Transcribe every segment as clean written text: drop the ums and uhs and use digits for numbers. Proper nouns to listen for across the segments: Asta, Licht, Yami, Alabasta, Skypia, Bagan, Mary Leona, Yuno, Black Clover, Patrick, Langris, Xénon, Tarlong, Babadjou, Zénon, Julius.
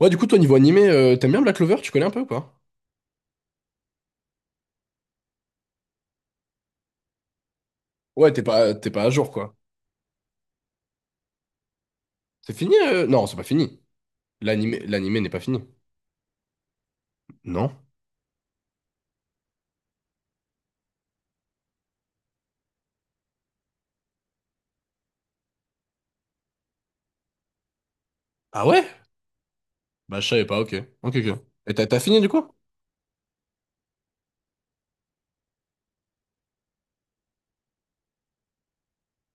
Ouais, du coup, toi, niveau animé, t'aimes bien Black Clover? Tu connais un peu ou pas? Ouais, t'es pas à jour, quoi. C'est fini? Non, c'est pas fini. L'animé n'est pas fini. Non? Ah ouais? Bah, je savais pas, ok. Ok, ok. Et t'as fini, du coup?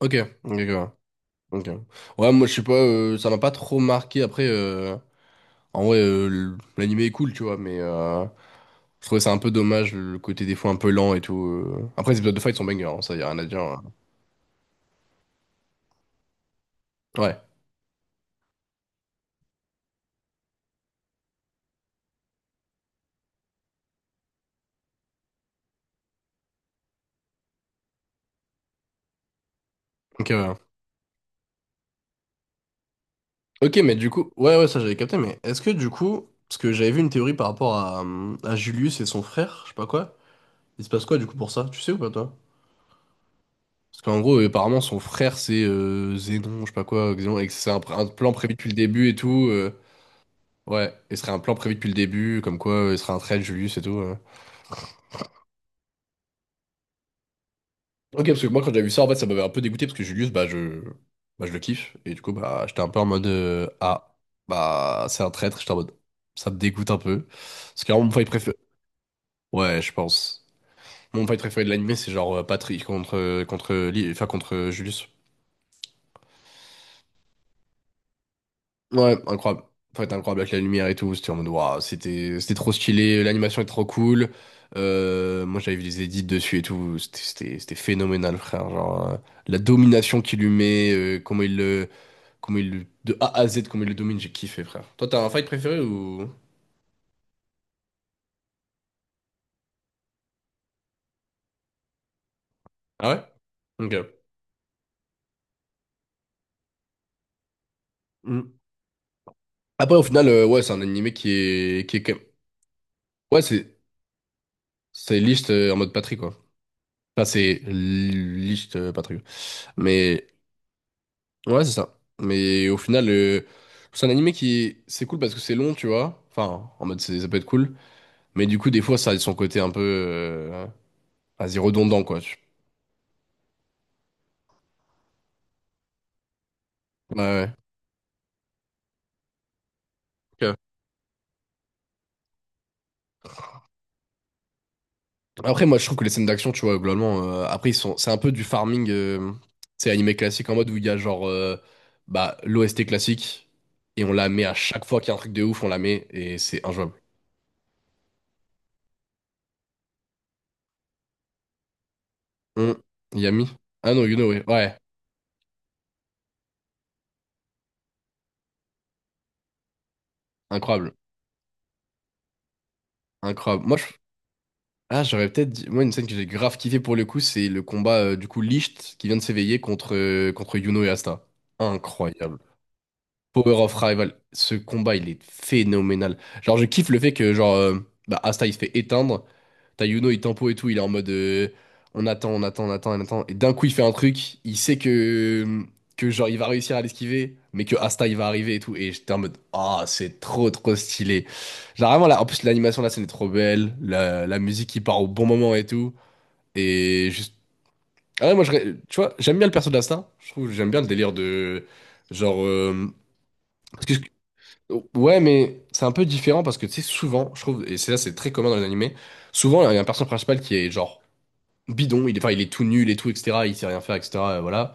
Ok, ok, ok. Ok. Ouais, moi, je sais pas, ça m'a pas trop marqué. Après, en vrai, l'animé est cool, tu vois, mais je trouvais ça un peu dommage, le côté des fois un peu lent et tout. Après, les épisodes de fight sont bangers, hein, ça, y a rien à dire, hein. Ouais, ok, ouais. Ok, mais du coup, ouais, ouais, ça j'avais capté, mais est-ce que du coup, parce que j'avais vu une théorie par rapport à Julius et son frère, je sais pas quoi, il se passe quoi du coup pour ça? Tu sais ou pas toi? Parce qu'en gros, apparemment, son frère c'est Zénon, je sais pas quoi, Xénon, et que c'est un plan prévu depuis le début et tout. Ouais, et ce serait un plan prévu depuis le début, comme quoi il serait un trait de Julius et tout. Ok, parce que moi quand j'avais vu ça, en fait, ça m'avait un peu dégoûté parce que Julius, bah, je le kiffe, et du coup, bah j'étais un peu en mode ah, bah c'est un traître, j'étais en mode ça me dégoûte un peu. Parce qu'à un moment, il préfère. Ouais, je pense. Mon fight préféré de l'anime, c'est genre Patrick contre, enfin, contre Julius. Ouais, incroyable. Fight incroyable avec la lumière et tout. C'était en mode, waouh, c'était trop stylé. L'animation est trop cool. Moi, j'avais vu des edits dessus et tout. C'était phénoménal, frère. Genre, la domination qu'il lui met, comment de A à Z, comment il le domine, j'ai kiffé, frère. Toi, t'as un fight préféré ou? Ah ouais? Ok. Mm. Après, au final, ouais, c'est un animé qui est quand même. Ouais, c'est liste en mode Patrick, quoi. Ça, c'est Licht pas très bien. Mais ouais, c'est ça. Mais au final, c'est un animé qui c'est cool parce que c'est long, tu vois. Enfin, en mode, ça peut être cool. Mais du coup, des fois, ça a son côté un peu vas-y, redondant, quoi. Tu. Ouais, ouais. Ok. Après, moi, je trouve que les scènes d'action, tu vois, globalement, c'est un peu du farming. C'est animé classique en mode où il y a genre bah, l'OST classique et on la met à chaque fois qu'il y a un truc de ouf, on la met et c'est injouable. Hum, Yami? Ah non, you know, ouais. Ouais, incroyable. Incroyable. Ah, j'aurais peut-être dit. Moi, une scène que j'ai grave kiffé pour le coup, c'est le combat du coup Licht qui vient de s'éveiller contre, contre Yuno et Asta. Incroyable. Power of Rival, ce combat il est phénoménal. Genre je kiffe le fait que genre bah, Asta il se fait éteindre, t'as Yuno il tempo et tout, il est en mode on attend, on attend, on attend, on attend, et d'un coup il fait un truc, il sait que genre il va réussir à l'esquiver, mais que Asta il va arriver et tout, et j'étais en mode ah c'est trop trop stylé. Genre vraiment là, en plus l'animation de la scène est trop belle, la musique qui part au bon moment et tout, et juste ah ouais tu vois j'aime bien le perso d'Asta, je trouve j'aime bien le délire de genre parce que. Ouais, mais c'est un peu différent parce que tu sais, souvent, je trouve, et c'est là, c'est très commun dans les animés, souvent, il y a un personnage principal qui est genre bidon, enfin, il est tout nul et tout, etc., il sait rien faire, etc., voilà.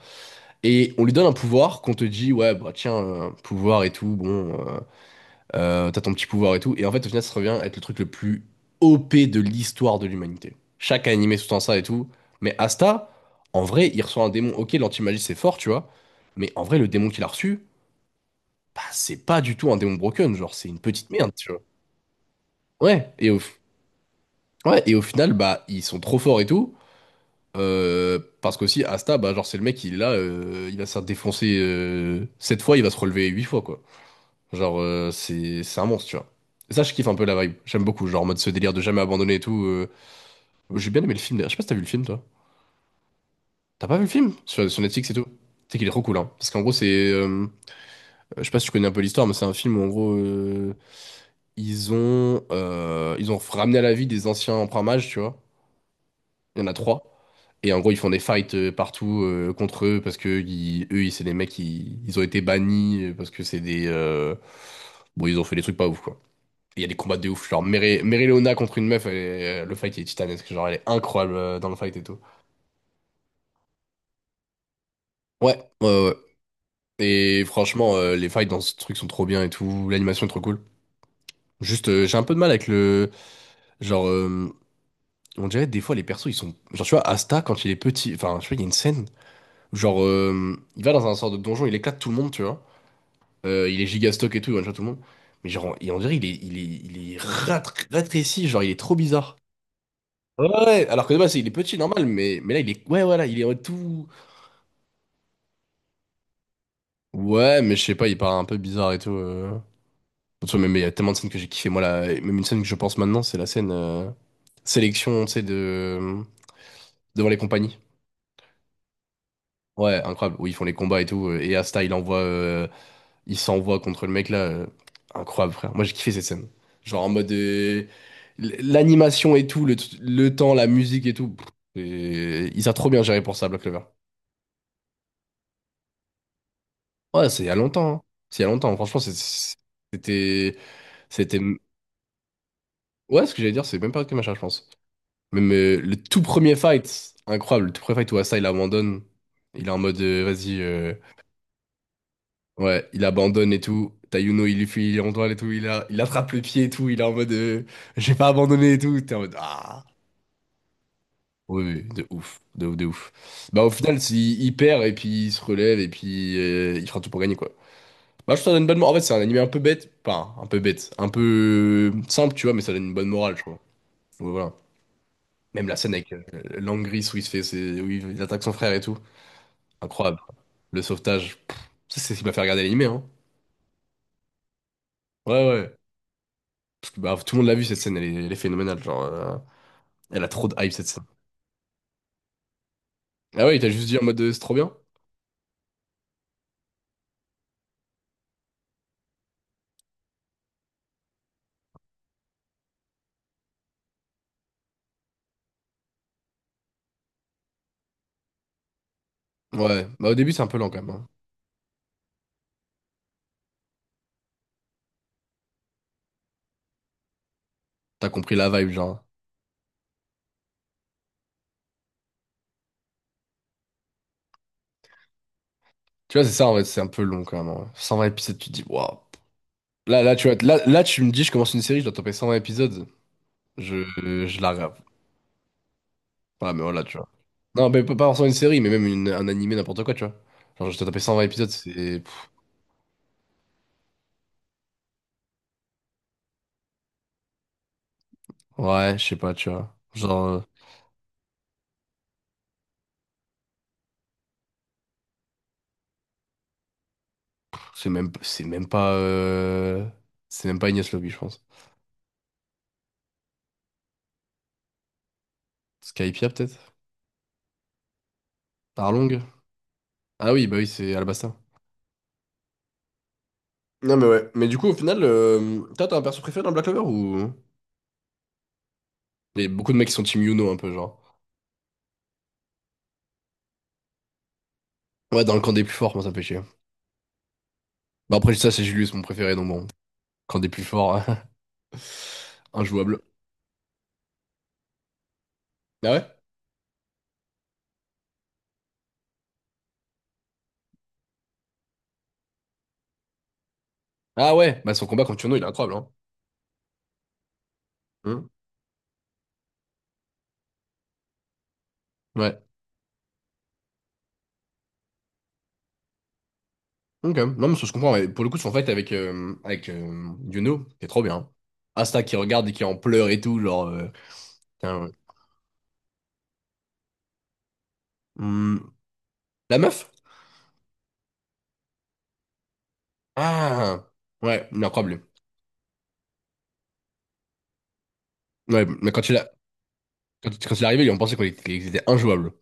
Et on lui donne un pouvoir qu'on te dit, ouais, bah tiens, pouvoir et tout, bon, t'as ton petit pouvoir et tout, et en fait, au final, ça revient à être le truc le plus OP de l'histoire de l'humanité. Chaque animé sous-tend ça et tout, mais Asta, en vrai, il reçoit un démon, ok, l'anti-magie, c'est fort, tu vois, mais en vrai, le démon qu'il a reçu, bah, c'est pas du tout un démon broken, genre, c'est une petite merde, tu vois. Ouais, et au, ouais, et au final, bah, ils sont trop forts et tout. Parce qu'aussi, Asta, bah, genre, c'est le mec, il est là, il va se faire défoncer 7 fois, il va se relever 8 fois, quoi. Genre, c'est un monstre, tu vois. Et ça, je kiffe un peu la vibe. J'aime beaucoup, genre, en mode ce délire de jamais abandonner et tout. J'ai bien aimé le film, d'ailleurs. Je sais pas si t'as vu le film, toi. T'as pas vu le film? Sur Netflix et tout. C'est qu'il est trop cool, hein. Parce qu'en gros, c'est. Je sais pas si tu connais un peu l'histoire, mais c'est un film où, en gros, ils ont ramené à la vie des anciens emprunts mages, tu vois. Il y en a 3. Et en gros, ils font des fights partout contre eux parce que c'est des mecs qui ils ont été bannis parce que c'est des. Bon, ils ont fait des trucs pas ouf, quoi. Et il y a des combats de ouf. Genre, Mary Leona contre une meuf, le fight il est titanesque. Genre, elle est incroyable dans le fight et tout. Ouais, ouais, ouais. Et franchement, les fights dans ce truc sont trop bien et tout. L'animation est trop cool. Juste, j'ai un peu de mal avec le. Genre, on dirait des fois, les persos, ils sont. Genre, tu vois, Asta, quand il est petit. Enfin, tu vois, il y a une scène. Genre, il va dans un sort de donjon, il éclate tout le monde, tu vois. Il est giga stock et tout, il one-shot tout le monde. Mais genre, et on dirait il est rétréci, genre, il est trop bizarre. Ouais, ouais, ouais, alors que de base, il est petit, normal, mais là, il est. Ouais, voilà, il est en tout. Ouais, mais je sais pas, il paraît un peu bizarre et tout. De même, il y a tellement de scènes que j'ai kiffé. Moi, là, même une scène que je pense maintenant, c'est la scène sélection, tu sais, de... devant les compagnies. Ouais, incroyable, où ils font les combats et tout. Et Asta, il envoie il s'envoie contre le mec là. Incroyable, frère. Moi, j'ai kiffé cette scène. Genre en mode. L'animation et tout, le temps, la musique et tout. Pff, et ils ont trop bien géré pour ça, Black Clover. Ouais, c'est il y a longtemps, hein. C'est il y a longtemps. Franchement, c'était. C'était. Ouais, ce que j'allais dire, c'est même pas que machin, je pense. Même le tout premier fight, incroyable. Le tout premier fight où Asa il abandonne. Il est en mode, vas-y. Ouais, il abandonne et tout. Tayuno, il lui fait, il est en toile et tout. Il attrape le pied et tout. Il est en mode, j'ai pas abandonné et tout. T'es en mode, ah. Oui, oui, de ouf, de ouf, de ouf. Bah, au final, il perd et puis il se relève et puis il fera tout pour gagner, quoi. Bah, je te donne une bonne morale. En fait, c'est un animé un peu bête. Enfin, un peu bête. Un peu simple, tu vois, mais ça donne une bonne morale, je crois. Ouais, voilà. Même la scène avec Langris où il se fait, où il attaque son frère et tout. Incroyable. Le sauvetage. Pff, ça, c'est ce qui m'a fait regarder l'animé, hein. Ouais, ouais. Bah, tout le monde l'a vu cette scène, elle est phénoménale. Genre, elle a trop de hype cette scène. Ah ouais, il t'a juste dit en mode c'est trop bien? Ouais, bah au début c'est un peu lent quand même, hein. T'as compris la vibe, genre. Tu vois, c'est ça en fait, c'est un peu long quand même, hein. 120 épisodes, tu te dis, waouh. Tu vois, tu me dis, je commence une série, je dois taper 120 épisodes. Je, je la rêve. Ah, mais voilà, tu vois. Non, mais pas forcément une série, mais même un animé, n'importe quoi, tu vois. Genre, je dois taper 120 épisodes, c'est. Pff, ouais, je sais pas, tu vois. Genre, c'est même pas. C'est même pas Ignace Lobby, je pense. Skypia, peut-être? Tarlong? Ah oui, bah oui, c'est Alabasta. Non, mais ouais. Mais du coup, au final, toi, t'as un perso préféré dans Black Clover ou. Il y a beaucoup de mecs qui sont Team Yuno un peu, genre. Ouais, dans le camp des plus forts, moi, ça me fait chier. Bah après, ça, c'est Julius, mon préféré, donc bon. Camp des plus forts. Injouable. Ah ouais? Ah ouais, bah son combat contre Yuno, il est incroyable, hein. Hum, ouais. Ok. Non, mais ça se comprend. Mais pour le coup, son fight avec, euh, avec Yuno, c'est trop bien. Asta qui regarde et qui en pleure et tout, genre. Putain, ouais. Hum, la meuf? Ah! Ouais, il est incroyable. Ouais, mais quand il a. Quand il est arrivé, ils ont pensé qu'ils étaient injouables.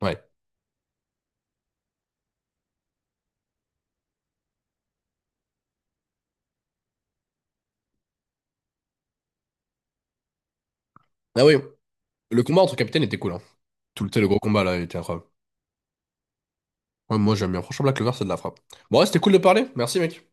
Ouais. Ah oui, le combat entre capitaines était cool, hein. Tout le, tu sais, le gros combat là, il était incroyable. Ouais, moi j'aime bien. Franchement, Black Clover, c'est de la frappe. Bon, ouais, c'était cool de parler. Merci, mec.